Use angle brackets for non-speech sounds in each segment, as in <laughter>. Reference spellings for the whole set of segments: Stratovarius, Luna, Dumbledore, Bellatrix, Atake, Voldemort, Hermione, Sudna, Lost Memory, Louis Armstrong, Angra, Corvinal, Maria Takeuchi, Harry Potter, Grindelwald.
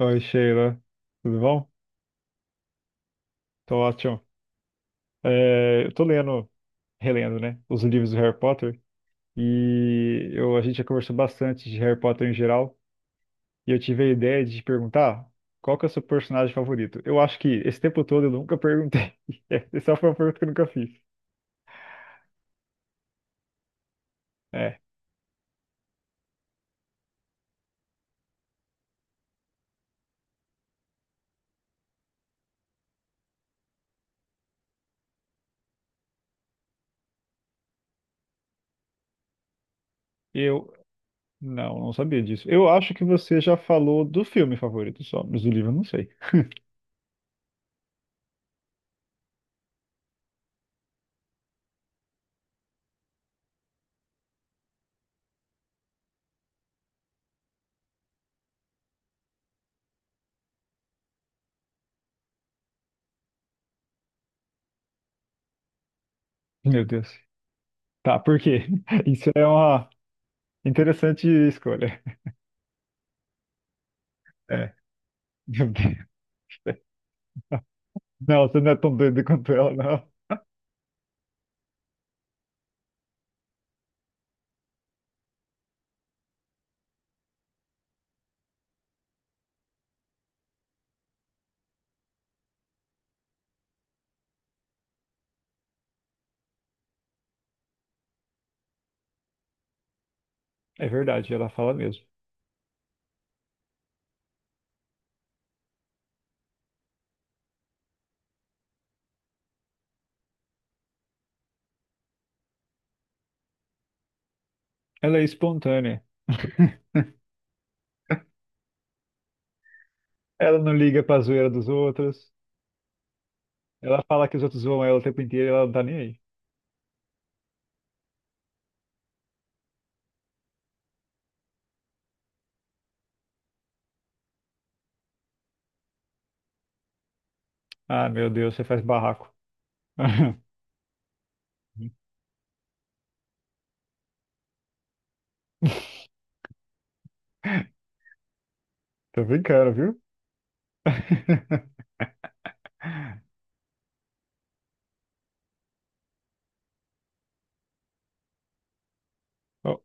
Oi, Sheila. Tudo bom? Tô ótimo. É, eu tô lendo, relendo, né, os livros do Harry Potter e eu, a gente já conversou bastante de Harry Potter em geral e eu tive a ideia de te perguntar qual que é o seu personagem favorito. Eu acho que esse tempo todo eu nunca perguntei. <laughs> Essa foi uma pergunta que eu nunca fiz. É, eu não, não sabia disso. Eu acho que você já falou do filme favorito só, mas do livro eu não sei. Meu Deus. Tá, por quê? <laughs> Isso é uma interessante escolha. É. Meu Deus. Não, você não é tão doido quanto ela, não. É verdade, ela fala mesmo. Ela é espontânea. <laughs> Ela não liga pra zoeira dos outros. Ela fala que os outros zoam ela o tempo inteiro e ela não tá nem aí. Ah, meu Deus, você faz barraco. <laughs> Tô brincando, viu? <laughs> Oh,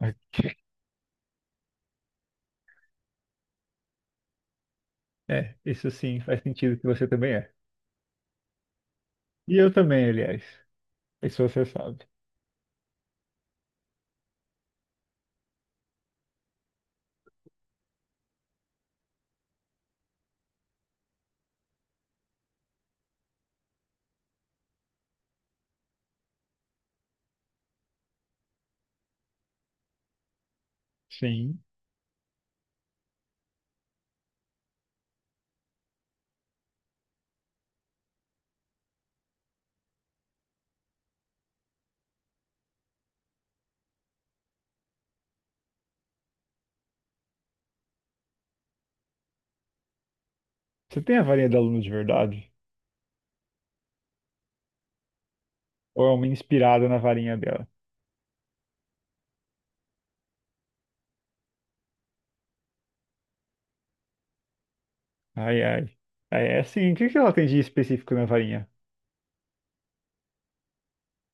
ok. É, isso sim faz sentido que você também é. E eu também, aliás. Isso você sabe. Sim. Você tem a varinha da aluna de verdade? Ou é uma inspirada na varinha dela? Ai, ai. Ai, é assim, o que que ela tem de específico na varinha?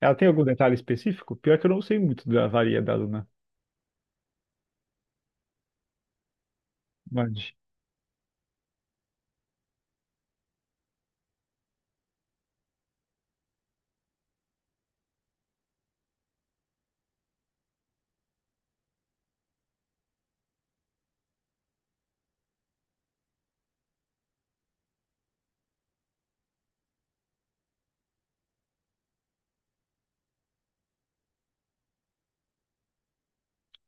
Ela tem algum detalhe específico? Pior que eu não sei muito da varinha da Luna. Mande.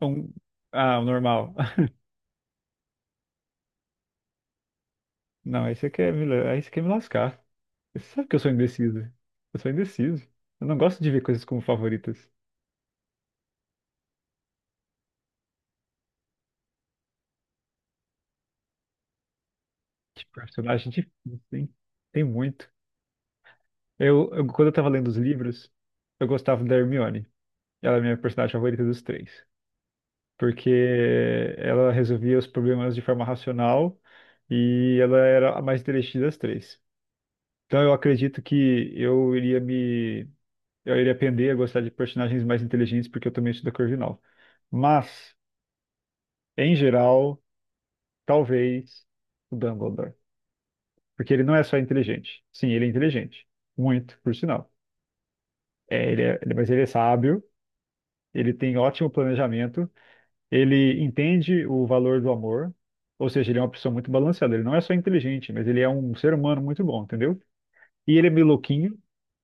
Um... Ah, o normal. <laughs> Não, aí você quer me lascar. Você sabe que eu sou indeciso. Eu sou indeciso. Eu não gosto de ver coisas como favoritas. Que personagem difícil, hein? Tem muito. Quando eu tava lendo os livros, eu gostava da Hermione. Ela é a minha personagem favorita dos três. Porque ela resolvia os problemas de forma racional e ela era a mais inteligente das três. Então eu acredito que eu iria aprender a gostar de personagens mais inteligentes porque eu também sou da Corvinal. Mas em geral, talvez o Dumbledore, porque ele não é só inteligente. Sim, ele é inteligente, muito, por sinal. É, mas ele é sábio, ele tem ótimo planejamento. Ele entende o valor do amor, ou seja, ele é uma pessoa muito balanceada. Ele não é só inteligente, mas ele é um ser humano muito bom, entendeu? E ele é meio louquinho.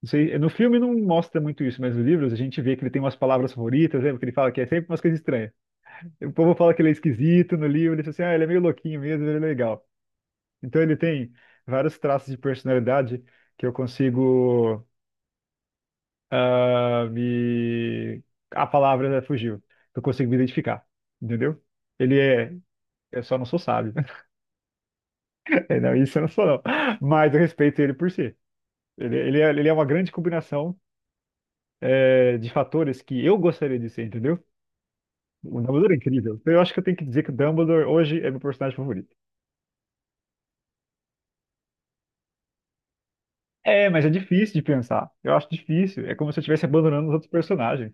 Não sei, no filme não mostra muito isso, mas nos livros a gente vê que ele tem umas palavras favoritas, lembra? Que ele fala que é sempre umas coisas estranhas. O povo fala que ele é esquisito no livro, ele diz assim, ah, ele é meio louquinho mesmo, ele é legal. Então ele tem vários traços de personalidade que eu consigo ah, me... A palavra fugiu, que eu consigo me identificar, entendeu? Ele é. Eu só não sou sábio. <laughs> É, não, isso eu não sou, não. Mas eu respeito ele por si. Ele é uma grande combinação, é, de fatores que eu gostaria de ser, entendeu? O Dumbledore é incrível. Então eu acho que eu tenho que dizer que o Dumbledore hoje é meu personagem favorito. É, mas é difícil de pensar. Eu acho difícil. É como se eu estivesse abandonando os outros personagens.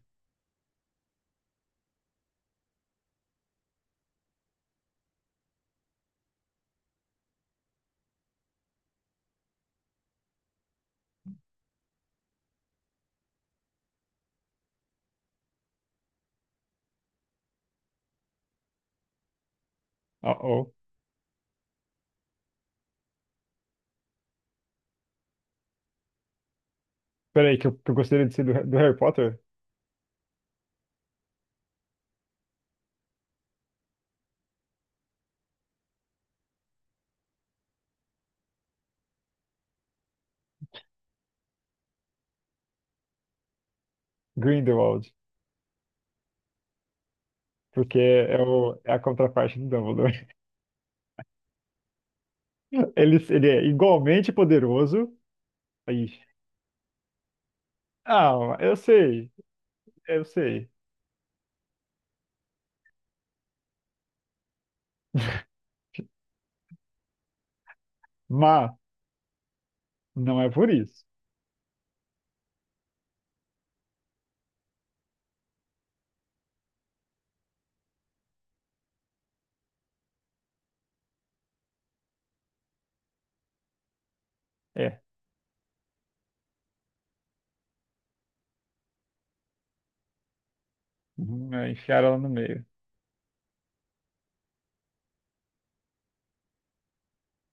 Oh, oh. Peraí, que eu gostaria de ser do, do Harry Potter? Grindelwald. Porque é, o, é a contraparte do Dumbledore. <laughs> Ele é igualmente poderoso. Aí. Ah, eu sei. Eu sei. Mas não é por isso. É, uhum, é, enfiaram ela no meio.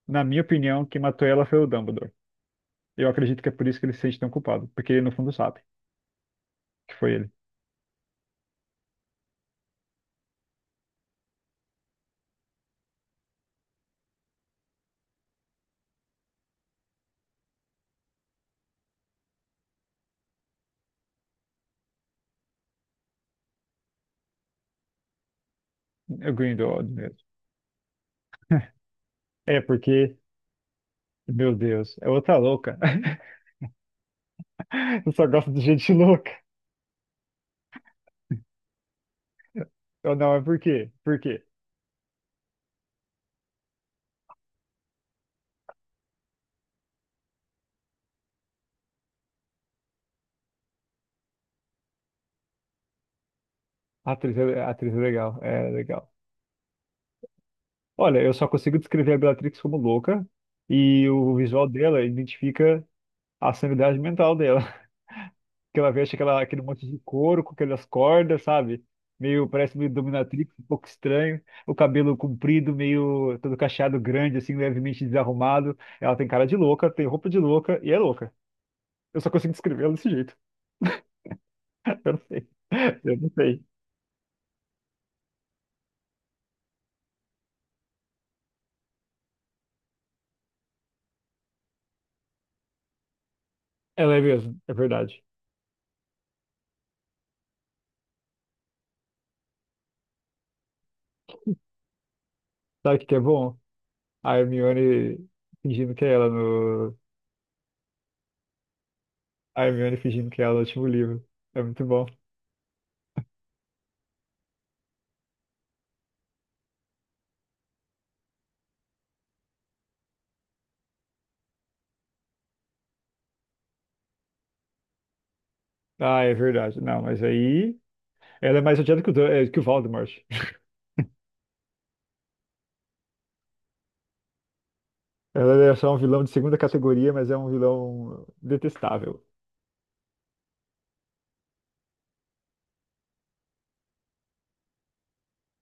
Na minha opinião, quem matou ela foi o Dumbledore. Eu acredito que é por isso que ele se sente tão culpado, porque ele no fundo sabe que foi ele, o Grindelwald mesmo. É porque, meu Deus, é outra louca. <laughs> Eu só gosto de gente louca. Eu não, é por quê? Por quê? A atriz é legal, é legal. Olha, eu só consigo descrever a Bellatrix como louca e o visual dela identifica a sanidade mental dela. Aquele monte de couro com aquelas cordas, sabe? Meio, parece meio dominatrix, um pouco estranho. O cabelo comprido, meio todo cacheado grande, assim, levemente desarrumado. Ela tem cara de louca, tem roupa de louca e é louca. Eu só consigo descrever ela desse jeito. <laughs> Eu não sei. Eu não sei. Ela é mesmo, é verdade. Sabe o que que é bom? A Hermione fingindo que é ela no. A Hermione fingindo que é ela no último livro. É muito bom. Ah, é verdade. Não, mas aí. Ela é mais odiada que o, que o Voldemort. Ela é só um vilão de segunda categoria, mas é um vilão detestável.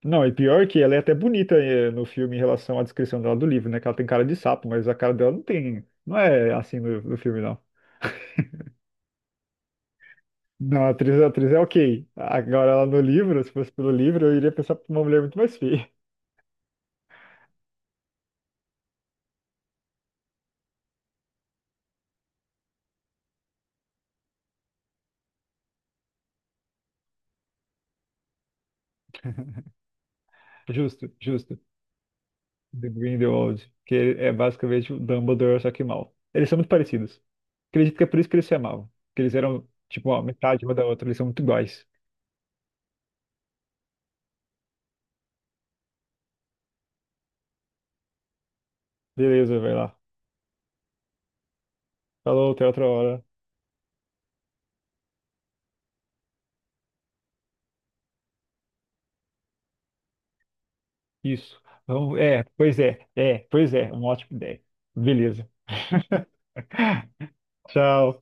Não, e pior que ela é até bonita, no filme em relação à descrição dela do livro, né? Que ela tem cara de sapo, mas a cara dela não tem. Não é assim no filme, não. Não, a atriz é ok. Agora ela no livro, se fosse pelo livro, eu iria pensar pra uma mulher muito mais feia. <laughs> Justo, justo. The Grindelwald, que é basicamente o Dumbledore, só que mal. Eles são muito parecidos. Acredito que é por isso que eles se amavam. Que eles eram, tipo, ó, metade uma da outra, eles são muito iguais. Beleza, vai lá. Falou, até outra hora. Isso. Vamos, é, pois é, uma ótima ideia. Beleza. <laughs> Tchau.